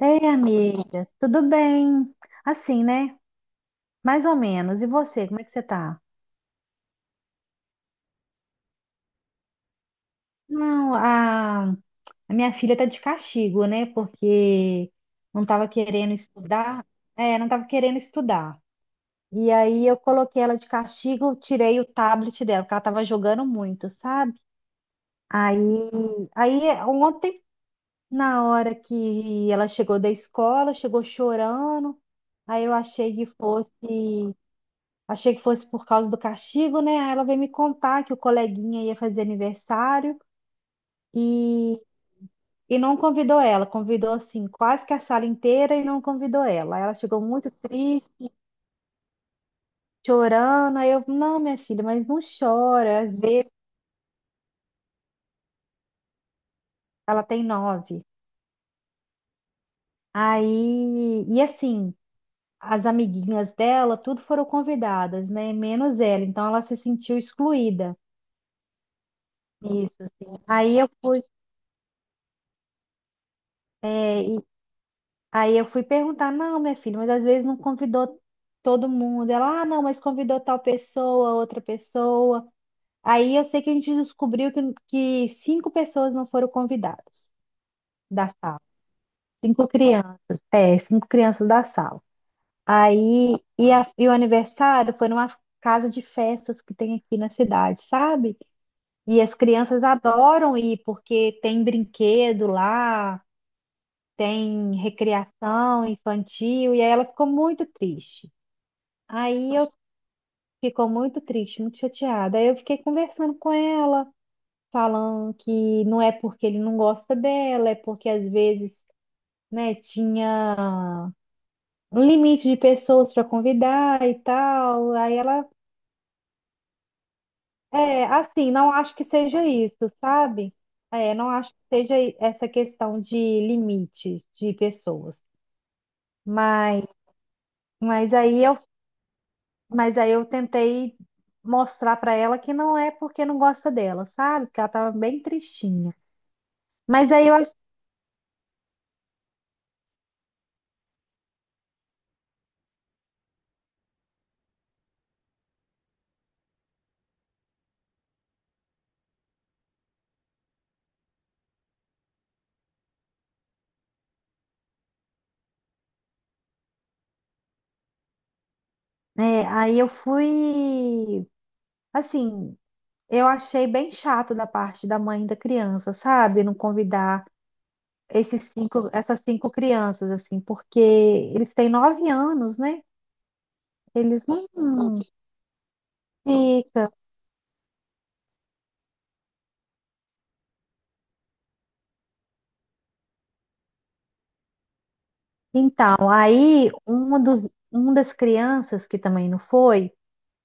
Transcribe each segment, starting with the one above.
Ei, amiga, tudo bem? Assim, né? Mais ou menos. E você, como é que você tá? Não, a minha filha tá de castigo, né? Porque não tava querendo estudar. É, não tava querendo estudar. E aí eu coloquei ela de castigo, tirei o tablet dela, porque ela tava jogando muito, sabe? Aí, aí ontem, na hora que ela chegou da escola, chegou chorando. Aí eu achei que fosse. Achei que fosse por causa do castigo, né? Aí ela veio me contar que o coleguinha ia fazer aniversário e, e não convidou ela. Convidou, assim, quase que a sala inteira e não convidou ela. Aí ela chegou muito triste, chorando. Aí eu, não, minha filha, mas não chora. Às vezes ela tem 9. Aí, e assim, as amiguinhas dela, tudo foram convidadas, né? Menos ela. Então ela se sentiu excluída. Isso, assim. Aí eu fui. É. Aí eu fui perguntar, não, minha filha, mas às vezes não convidou todo mundo. Ela, ah, não, mas convidou tal pessoa, outra pessoa. Aí eu sei que a gente descobriu que cinco pessoas não foram convidadas da sala. Cinco crianças, é, cinco crianças da sala. Aí, e o aniversário foi numa casa de festas que tem aqui na cidade, sabe? E as crianças adoram ir porque tem brinquedo lá. Tem recreação infantil, e aí ela ficou muito triste. Aí eu Ficou muito triste, muito chateada. Aí eu fiquei conversando com ela, falando que não é porque ele não gosta dela, é porque às vezes, né, tinha um limite de pessoas para convidar e tal. Aí ela, é, assim, não acho que seja isso, sabe? É, não acho que seja essa questão de limite de pessoas. Mas, mas aí eu Mas aí eu tentei mostrar pra ela que não é porque não gosta dela, sabe? Que ela tava bem tristinha. Mas aí eu, ach- aí eu fui, assim, eu achei bem chato da parte da mãe da criança, sabe? Não convidar essas cinco crianças, assim, porque eles têm 9 anos, né? Eles não fica. Então, aí um das crianças que também não foi.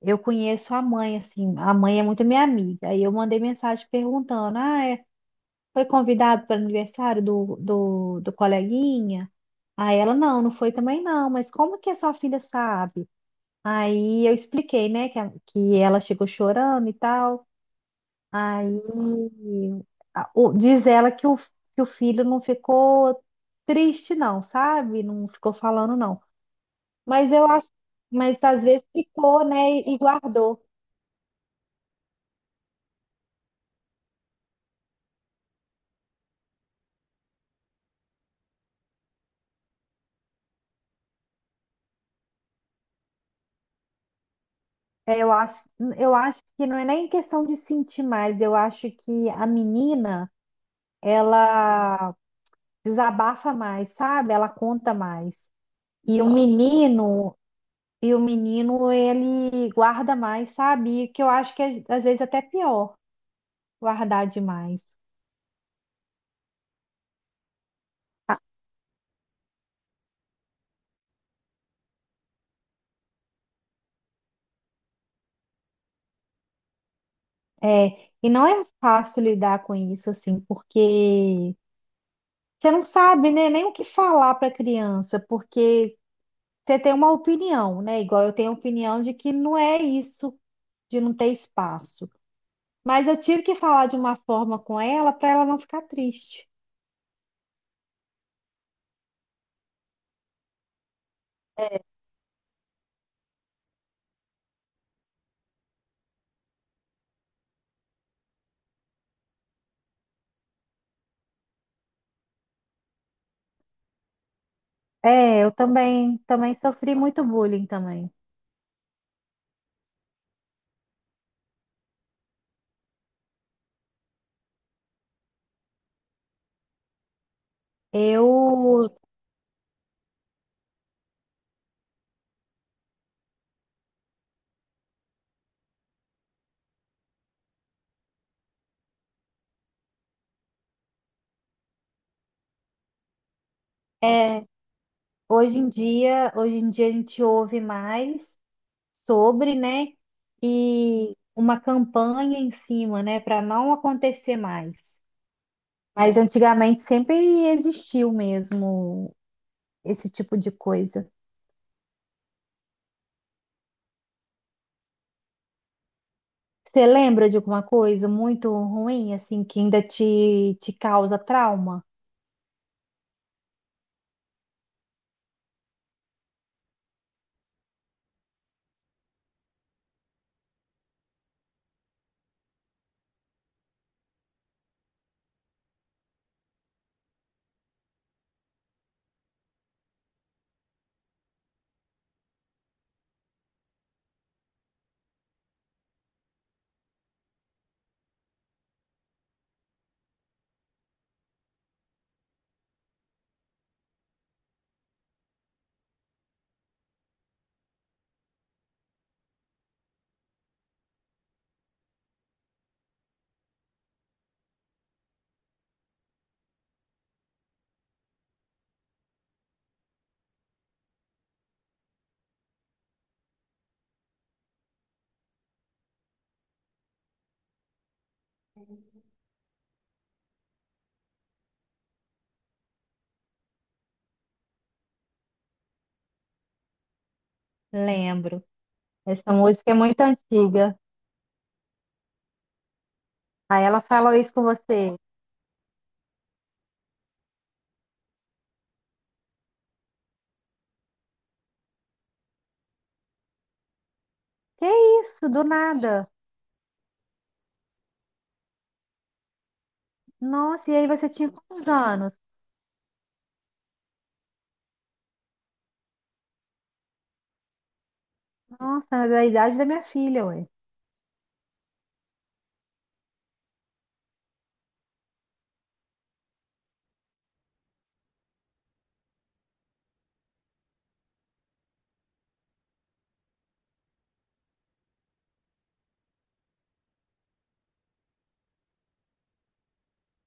Eu conheço a mãe, assim, a mãe é muito minha amiga. Aí eu mandei mensagem perguntando: ah, foi convidado para o aniversário do coleguinha? Aí ela: não, não foi também não, mas como que a sua filha sabe? Aí eu expliquei, né, que ela chegou chorando e tal. Aí diz ela que o filho não ficou triste, não, sabe? Não ficou falando, não. Mas eu acho, mas às vezes ficou, né, e guardou. É, eu acho que não é nem questão de sentir mais, eu acho que a menina, ela desabafa mais, sabe? Ela conta mais. E o menino, e o menino, ele guarda mais, sabe? E que eu acho que é, às vezes até pior guardar demais. É, e não é fácil lidar com isso, assim, porque você não sabe, né, nem o que falar para a criança, porque você tem uma opinião, né? Igual eu tenho a opinião de que não é isso. De não ter espaço. Mas eu tive que falar de uma forma com ela para ela não ficar triste. É, eu também sofri muito bullying também. Eu é, hoje em dia, a gente ouve mais sobre, né? E uma campanha em cima, né, para não acontecer mais. Mas antigamente sempre existiu mesmo esse tipo de coisa. Você lembra de alguma coisa muito ruim, assim, que ainda te causa trauma? Lembro. Essa música é muito antiga. Aí ela falou isso com você. Que isso, do nada. Nossa, e aí você tinha quantos anos? Nossa, era da idade da minha filha, ué.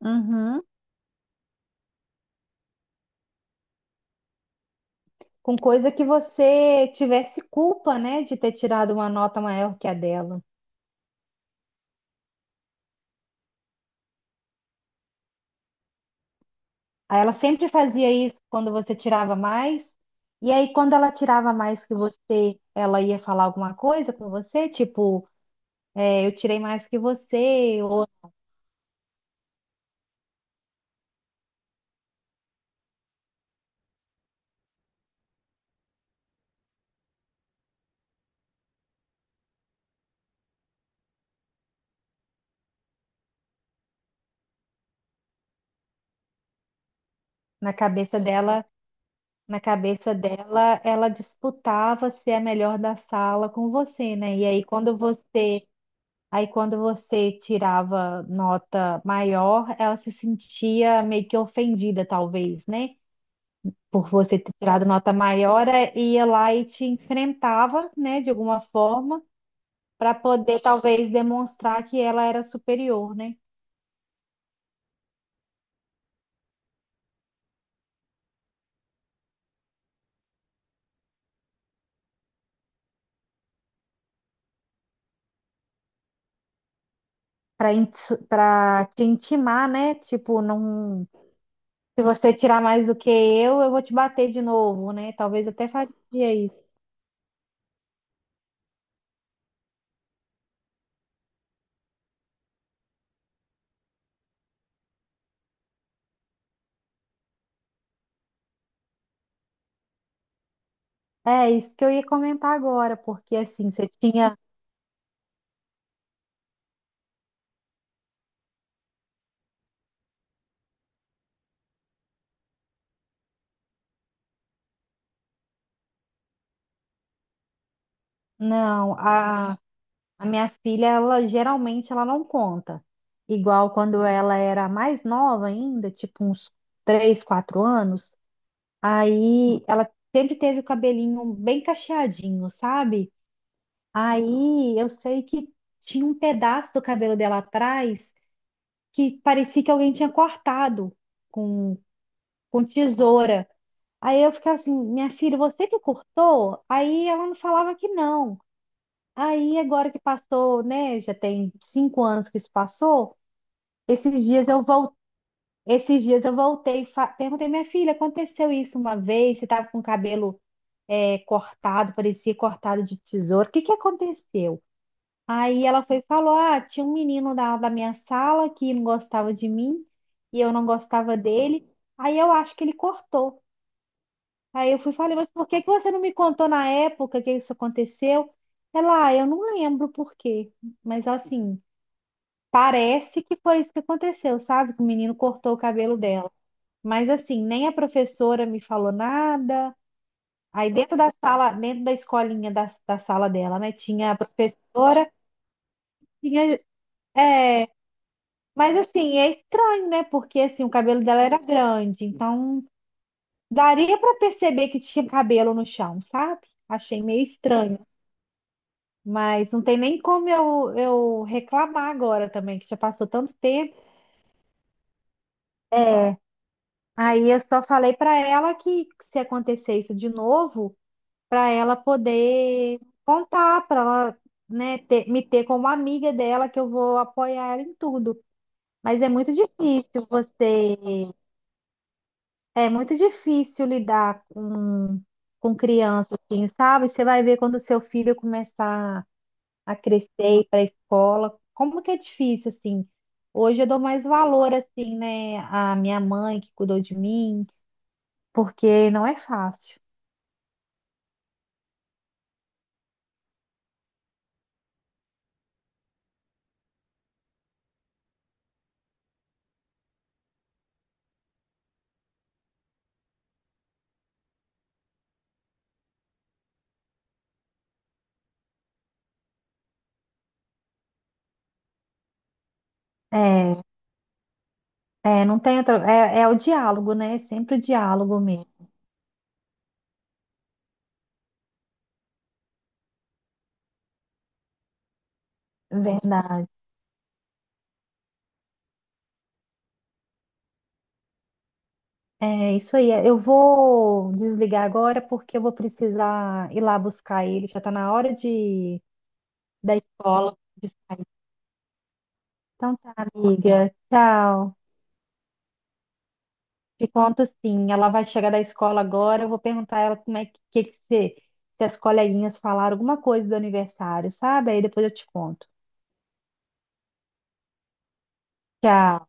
Uhum. Com coisa que você tivesse culpa, né, de ter tirado uma nota maior que a dela. Aí ela sempre fazia isso quando você tirava mais. E aí, quando ela tirava mais que você, ela ia falar alguma coisa com você, tipo, é, eu tirei mais que você, ou na cabeça dela, na cabeça dela, ela disputava ser a melhor da sala com você, né? Aí quando você tirava nota maior, ela se sentia meio que ofendida, talvez, né? Por você ter tirado nota maior, ia lá e te enfrentava, né, de alguma forma, para poder talvez demonstrar que ela era superior, né? Para para te intimar, né? Tipo, não, se você tirar mais do que eu vou te bater de novo, né? Talvez até faria isso. É isso que eu ia comentar agora, porque assim, você tinha, não, a A minha filha, ela geralmente ela não conta. Igual quando ela era mais nova ainda, tipo uns 3, 4 anos, aí ela sempre teve o cabelinho bem cacheadinho, sabe? Aí eu sei que tinha um pedaço do cabelo dela atrás que parecia que alguém tinha cortado com, com tesoura. Aí eu ficava assim, minha filha, você que cortou? Aí ela não falava que não. Aí, agora que passou, né? Já tem 5 anos que isso passou. Esses dias eu voltei, esses dias eu voltei, e perguntei, minha filha, aconteceu isso uma vez? Você estava com o cabelo cortado, parecia cortado de tesoura. O que que aconteceu? Aí ela foi e falou: ah, tinha um menino da minha sala que não gostava de mim e eu não gostava dele. Aí eu acho que ele cortou. Aí eu fui e falei, mas por que que você não me contou na época que isso aconteceu? Ela, ah, eu não lembro por quê. Mas assim, parece que foi isso que aconteceu, sabe? Que o menino cortou o cabelo dela. Mas assim, nem a professora me falou nada. Aí dentro da sala, dentro da escolinha da sala dela, né? Tinha a professora, tinha. É, mas assim, é estranho, né? Porque assim, o cabelo dela era grande, então daria para perceber que tinha cabelo no chão, sabe? Achei meio estranho. Mas não tem nem como eu reclamar agora também, que já passou tanto tempo. É. Aí eu só falei para ela que se acontecer isso de novo, para ela poder contar, para ela, né, me ter como amiga dela, que eu vou apoiar ela em tudo. Mas é muito difícil lidar com, criança, assim, sabe? Você vai ver quando o seu filho começar a crescer, ir para a escola, como que é difícil, assim. Hoje eu dou mais valor, assim, né, à minha mãe que cuidou de mim, porque não é fácil. É, é, não tem outra. É, é o diálogo, né? É sempre o diálogo mesmo. É verdade. É isso aí. É, eu vou desligar agora porque eu vou precisar ir lá buscar ele. Já está na hora da escola de sair. Então tá, amiga. Tchau. Te conto sim. Ela vai chegar da escola agora. Eu vou perguntar a ela como é que se as coleguinhas falaram alguma coisa do aniversário, sabe? Aí depois eu te conto. Tchau.